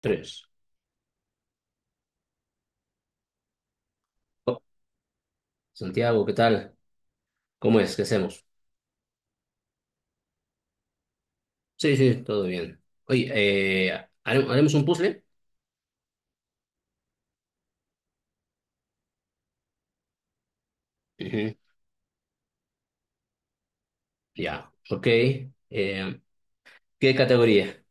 Tres. Oh, Santiago, ¿qué tal? ¿Cómo es? ¿Qué hacemos? Sí, sí, todo bien. Oye, ¿haremos un puzzle? Ujú. Ya, ok. Eh, ¿Qué categoría?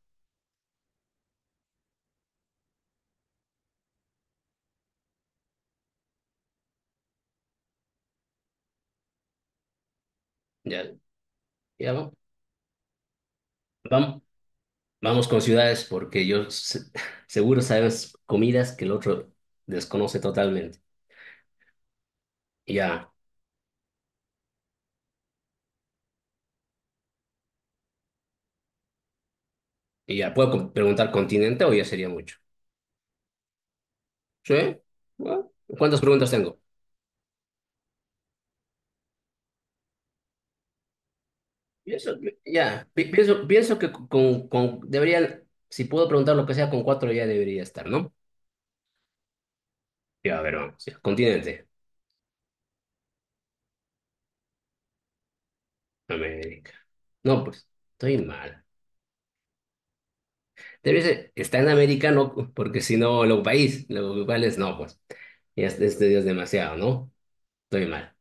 Ya, ya vamos vamos Vamos con ciudades porque yo seguro sabes comidas que el otro desconoce totalmente. Ya, y ya, ¿preguntar continente o ya sería mucho? ¿Sí? Bueno, ¿cuántas preguntas tengo? Pienso, pienso que con, deberían, si puedo preguntar lo que sea, con cuatro ya debería estar, ¿no? Ya, a ver, vamos, ya, continente, América. No, pues, estoy mal. Debe ser, está en América, no, porque si no, lo país, lo cual es, no, pues, ya este ya es demasiado, ¿no? Estoy mal.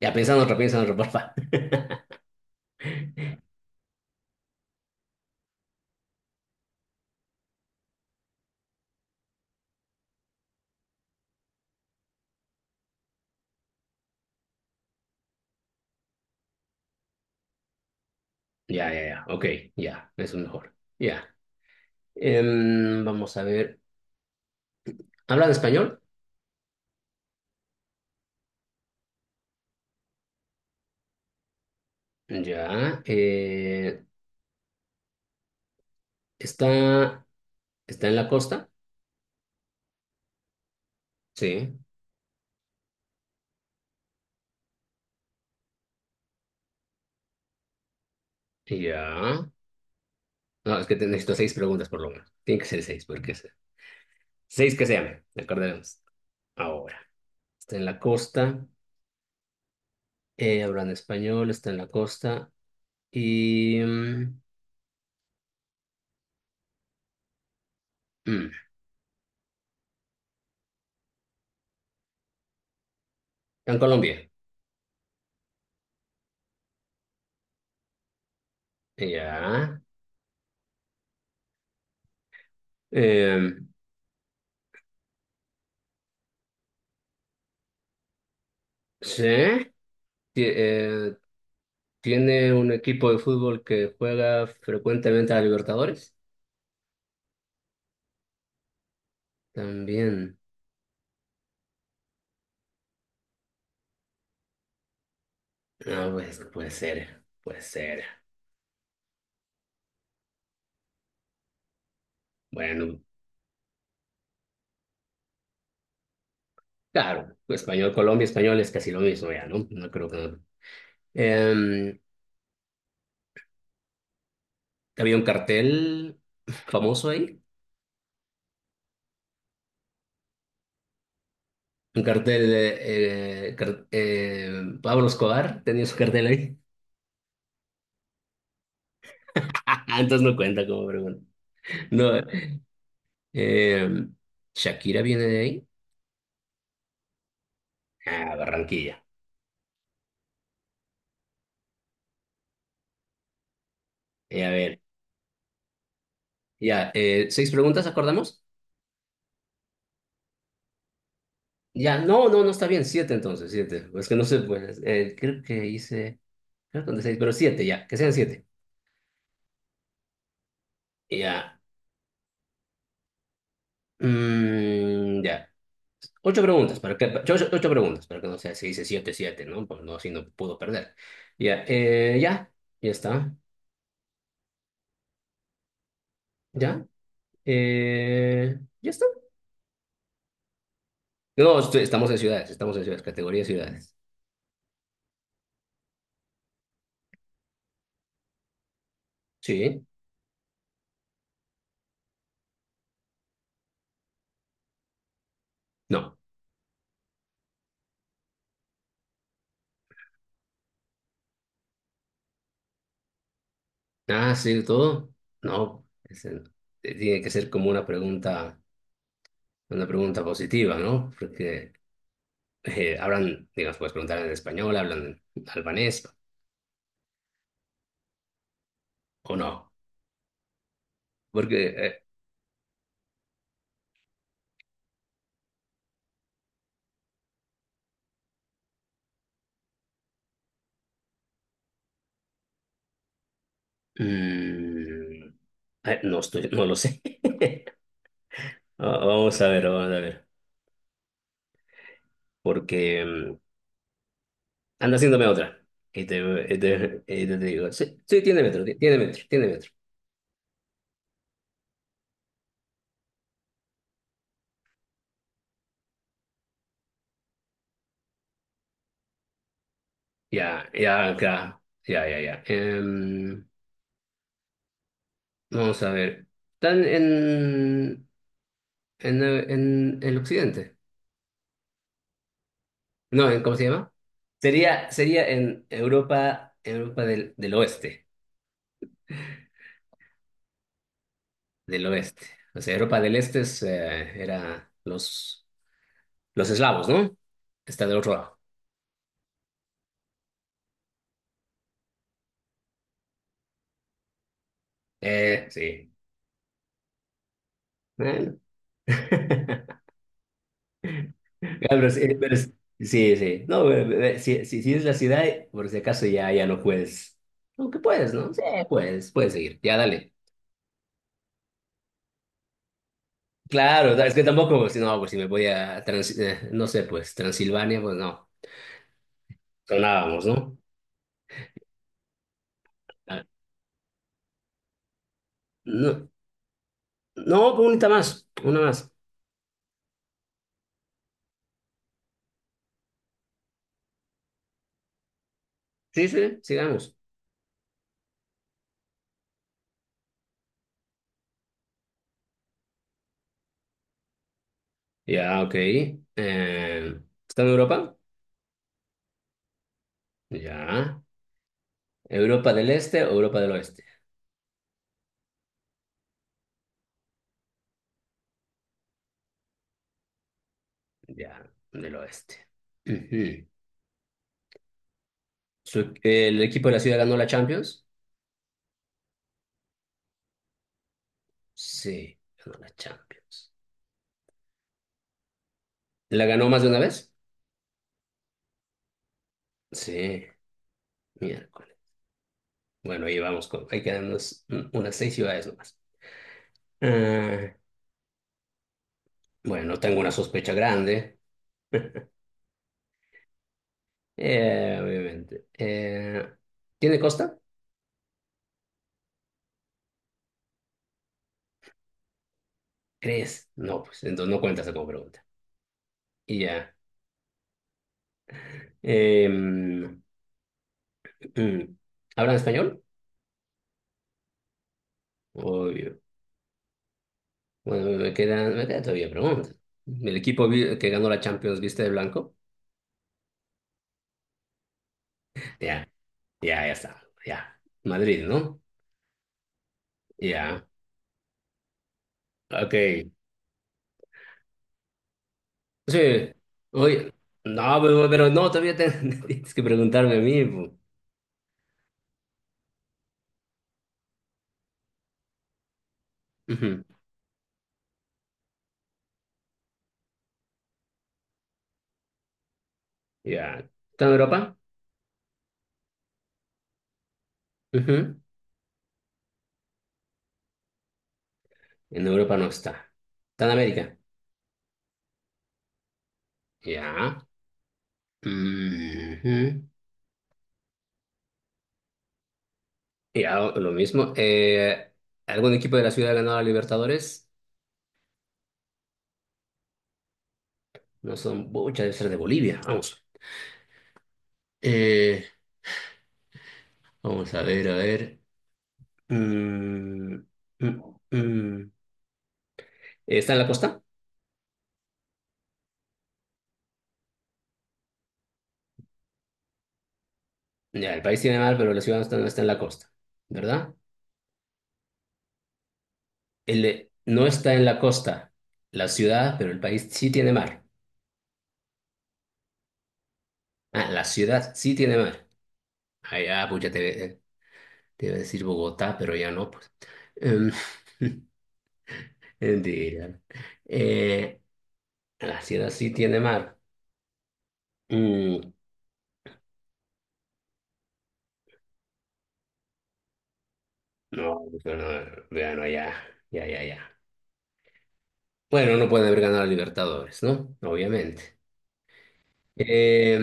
Ya, pensando otro, piensa en otro, porfa. Ya, ok, ya, eso es mejor. Ya, vamos a ver, ¿hablan español? Ya, está, está en la costa. Sí, ya. No, es que necesito seis preguntas por lo menos. Tiene que ser seis, porque seis que sean, acordaremos. Ahora, está en la costa, hablan español, está en la costa y... mm, está en Colombia. Ya. Eh, sí. ti- eh, tiene un equipo de fútbol que juega frecuentemente a Libertadores. También. Ah, pues puede ser, puede ser. Bueno, claro, español, Colombia, español es casi lo mismo ya, ¿no? No creo que... Em, había un cartel famoso ahí, un cartel de Pablo Escobar tenía su cartel ahí. Entonces no cuenta como pregunta. No, em, Shakira viene de ahí. Ah, Barranquilla. A ver, ya, seis preguntas, ¿acordamos? Ya, no, no, no está bien, siete entonces, siete. Es que no sé, pues, creo que hice, creo que con seis, pero siete ya, que sean siete. Ya. Mm, ya. Ocho preguntas, para que, ocho, ocho preguntas, para que no sea, se dice siete, siete, ¿no? Pues no, así no puedo perder. Ya, ya, ya está. Ya, ya está. No, estamos en ciudades, categoría de ciudades. Sí, no. Ah, sí, todo. No, tiene que ser como una pregunta positiva, ¿no? Porque hablan, digamos, puedes preguntar en español, hablan en albanés o no. Porque mm, no estoy, no lo sé. Vamos a ver, vamos a ver. Porque mm, anda haciéndome otra. Y te, y te digo, sí, sí, tiene metro, tiene metro, tiene metro. Ya, ya, ya, ya. Vamos a ver. ¿Están en el occidente? No, en, ¿cómo se llama? Sería en Europa, Europa del oeste, del oeste. O sea, Europa del este es, era los... Los eslavos, ¿no? Que está del otro lado. Sí. Bueno. Ya, pero sí, sí, sí. No, pero si, si es la ciudad, por si acaso ya, ya no puedes. Aunque puedes, ¿no? Sí, puedes, puedes seguir. Ya, dale. Claro, es que tampoco, pues, no, pues si me voy a, no sé, pues Transilvania, pues no. Sonábamos, ¿no? Ah, no, no, pues, una más, una más. Sí, sí, sigamos. Ya, ok. ¿Está en Europa? Ya. ¿Europa del Este o Europa del Oeste? Ya, del Oeste. Ujú. ¿El equipo de la ciudad ganó la Champions? Sí, ganó la Champions. ¿La ganó más de una vez? Sí, miércoles. Bueno, ahí vamos con. Hay que darnos unas seis ciudades nomás. Ah, bueno, tengo una sospecha grande. Obviamente. ¿Tiene costa? ¿Crees? No, pues entonces no cuentas como pregunta. Y ya. Eh, mm, ¿Hablan español? Obvio. Bueno, me quedan todavía preguntas. El equipo que ganó la Champions, ¿viste de blanco? Ya, ya, ya está. Ya. Madrid, ¿no? Ya. Ok. Sí. Oye. No, pero no, todavía tienes que preguntarme a mí. Po. Ujú. Ya. ¿Está en Europa? Ujú. En Europa no está. ¿Está en América? Ya. Ujú. Ya, lo mismo. ¿Algún equipo de la ciudad ha ganado a Libertadores? No son, muchas debe ser de Bolivia. Vamos. Eh, Vamos a ver, a ver. Mm, mm, mm. ¿Está en la costa? Ya, el país tiene mar, pero la ciudad no está, no está en la costa, ¿verdad? No está en la costa, la ciudad, pero el país sí tiene mar. Ah, la ciudad sí tiene mar. Ah, ya, pues ya te iba a decir Bogotá, pero ya no, pues. Em, mentira. Eh, la ciudad sí tiene mar. Mm, no, pero no, bueno, ya. Bueno, no pueden haber ganado a Libertadores, ¿no? Obviamente. Eh,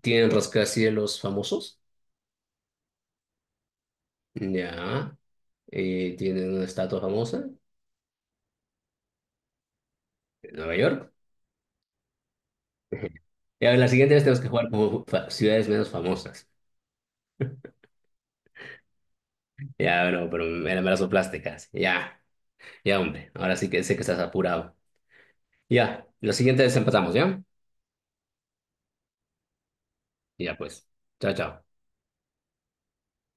tienen rascacielos famosos, ya. Tienen una estatua famosa en Nueva York. Ya, la siguiente vez tenemos que jugar como ciudades menos famosas. Ya, bueno, pero me las soplaste casi. Ya, ya, hombre. Ahora sí que sé que estás apurado. Ya, la siguiente vez empatamos, ¿ya? Ya, pues. Chao, chao.